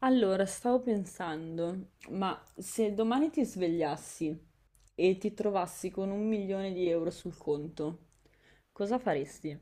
Allora, stavo pensando, ma se domani ti svegliassi e ti trovassi con un milione di euro sul conto, cosa faresti?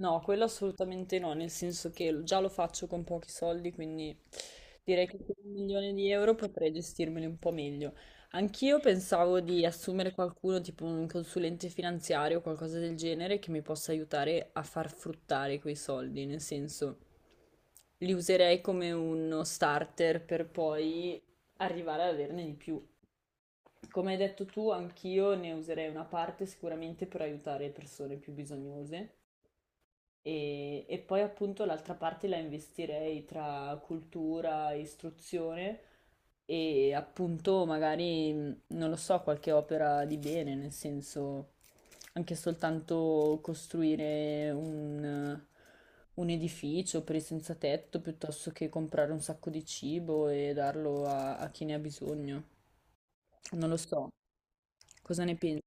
No, quello assolutamente no, nel senso che già lo faccio con pochi soldi, quindi direi che con un milione di euro potrei gestirmeli un po' meglio. Anch'io pensavo di assumere qualcuno, tipo un consulente finanziario o qualcosa del genere, che mi possa aiutare a far fruttare quei soldi, nel senso li userei come uno starter per poi arrivare ad averne di più. Come hai detto tu, anch'io ne userei una parte sicuramente per aiutare persone più bisognose. E poi appunto l'altra parte la investirei tra cultura, istruzione e appunto magari, non lo so, qualche opera di bene, nel senso anche soltanto costruire un edificio per i senza tetto piuttosto che comprare un sacco di cibo e darlo a chi ne ha bisogno. Non lo so, cosa ne pensi?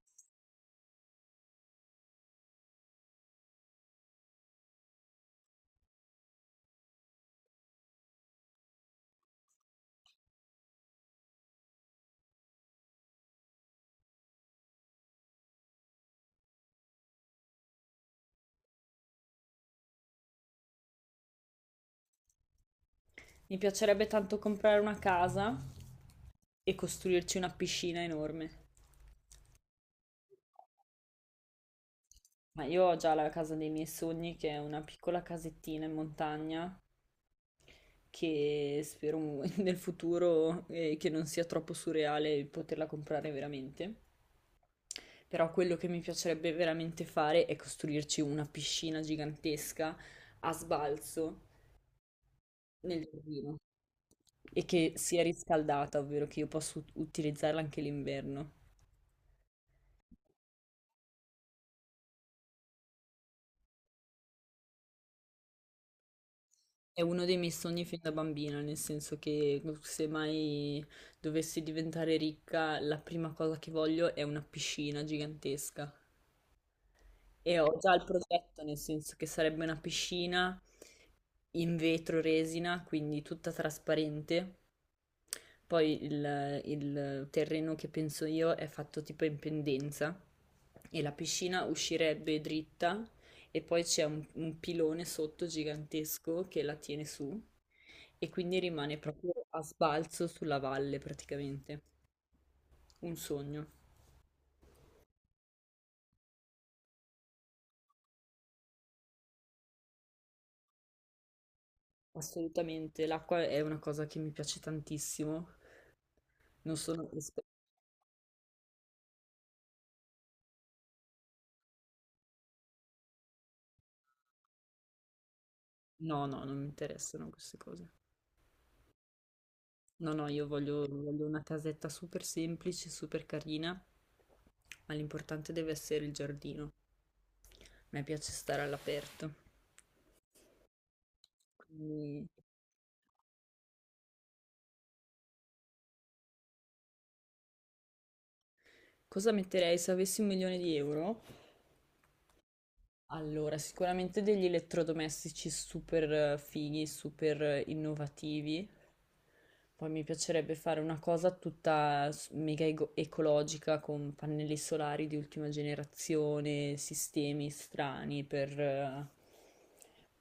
Mi piacerebbe tanto comprare una casa e costruirci una piscina enorme. Ma io ho già la casa dei miei sogni, che è una piccola casettina in montagna, che spero nel futuro che non sia troppo surreale poterla comprare veramente. Però quello che mi piacerebbe veramente fare è costruirci una piscina gigantesca a sbalzo nel giardino e che sia riscaldata, ovvero che io possa utilizzarla anche l'inverno. È uno dei miei sogni fin da bambina, nel senso che se mai dovessi diventare ricca, la prima cosa che voglio è una piscina gigantesca. E ho già il progetto, nel senso che sarebbe una piscina in vetro resina, quindi tutta trasparente. Poi il terreno che penso io è fatto tipo in pendenza e la piscina uscirebbe dritta e poi c'è un pilone sotto gigantesco che la tiene su. E quindi rimane proprio a sbalzo sulla valle praticamente. Un sogno. Assolutamente. L'acqua è una cosa che mi piace tantissimo. Non sono esper- No, no, non mi interessano queste cose. No, no, io voglio una casetta super semplice, super carina, ma l'importante deve essere il giardino. A me piace stare all'aperto. Quindi, cosa metterei se avessi un milione di euro? Allora, sicuramente degli elettrodomestici super fighi, super innovativi. Poi mi piacerebbe fare una cosa tutta mega ecologica con pannelli solari di ultima generazione, sistemi strani per, eh,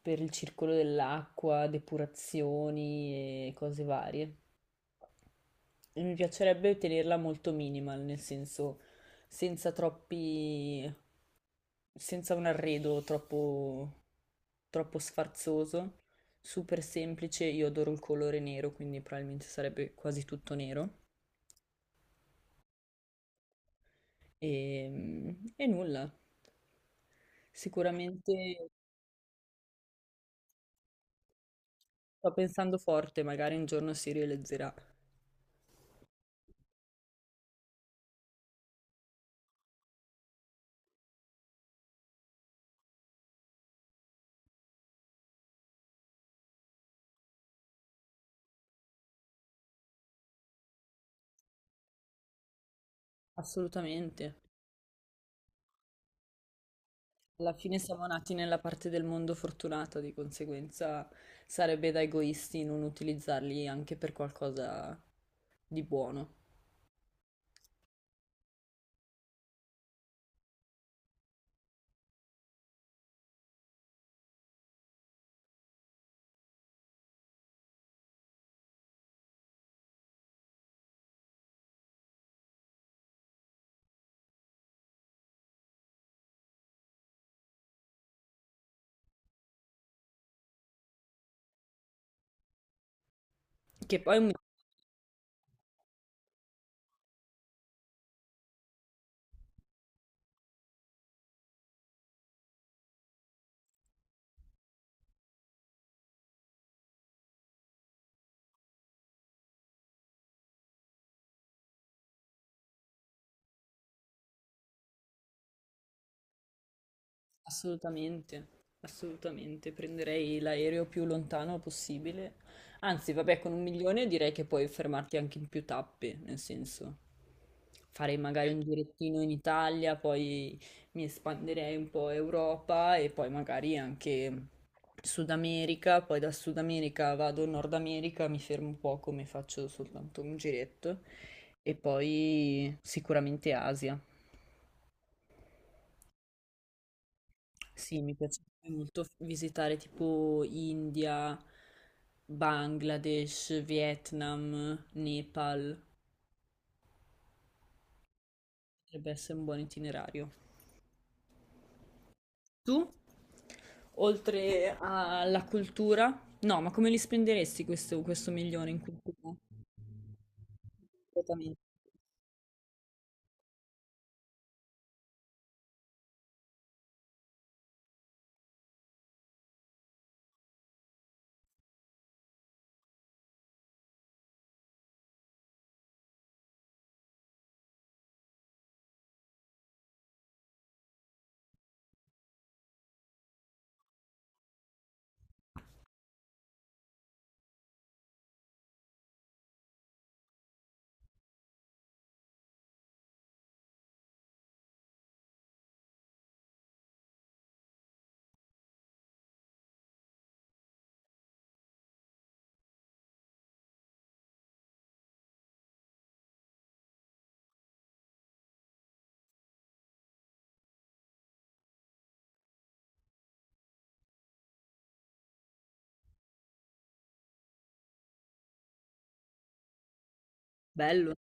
per il circolo dell'acqua, depurazioni e cose varie. E mi piacerebbe tenerla molto minimal, nel senso senza troppi, senza un arredo troppo troppo sfarzoso, super semplice. Io adoro il colore nero, quindi probabilmente sarebbe quasi tutto nero. E nulla. Sicuramente sto pensando forte, magari un giorno si realizzerà. Assolutamente. Alla fine siamo nati nella parte del mondo fortunata, di conseguenza sarebbe da egoisti non utilizzarli anche per qualcosa di buono. Che poi un. Assolutamente, assolutamente. Prenderei l'aereo più lontano possibile. Anzi, vabbè, con un milione direi che puoi fermarti anche in più tappe, nel senso, farei magari un girettino in Italia, poi mi espanderei un po' Europa e poi magari anche Sud America, poi da Sud America vado in Nord America, mi fermo un po' come faccio soltanto un giretto e poi sicuramente Asia. Sì, mi piacerebbe molto visitare tipo India, Bangladesh, Vietnam, Nepal. Potrebbe essere un buon itinerario. Tu, oltre alla cultura, no, ma come li spenderesti questo milione in cultura? Completamente. Bello.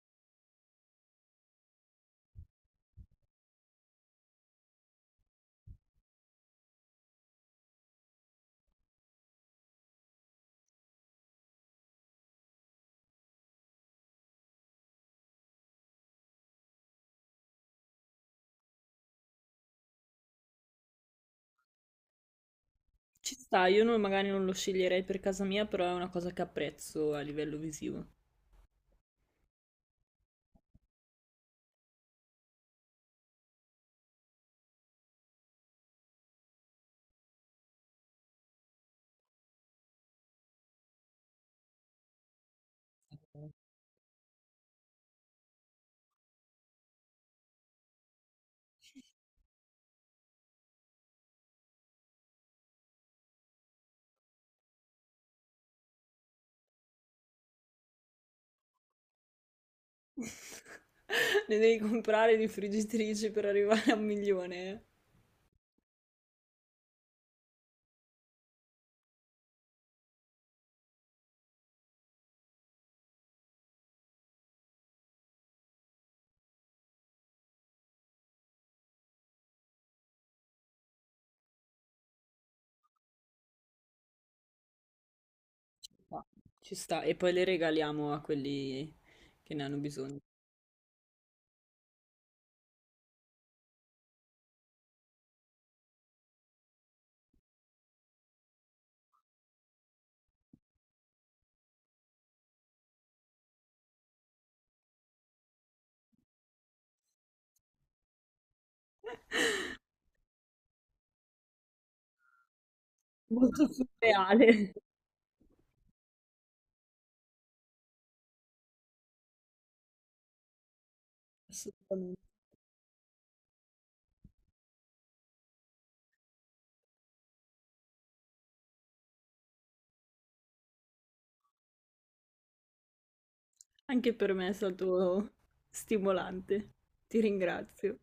Ci sta, io non- magari non lo sceglierei per casa mia, però è una cosa che apprezzo a livello visivo. Ne devi comprare di friggitrici per arrivare a un milione. Eh. Ma. Ci sta, e poi le regaliamo a quelli che ne hanno bisogno. Molto surreale. Assolutamente. Anche per me è stato stimolante. Ti ringrazio.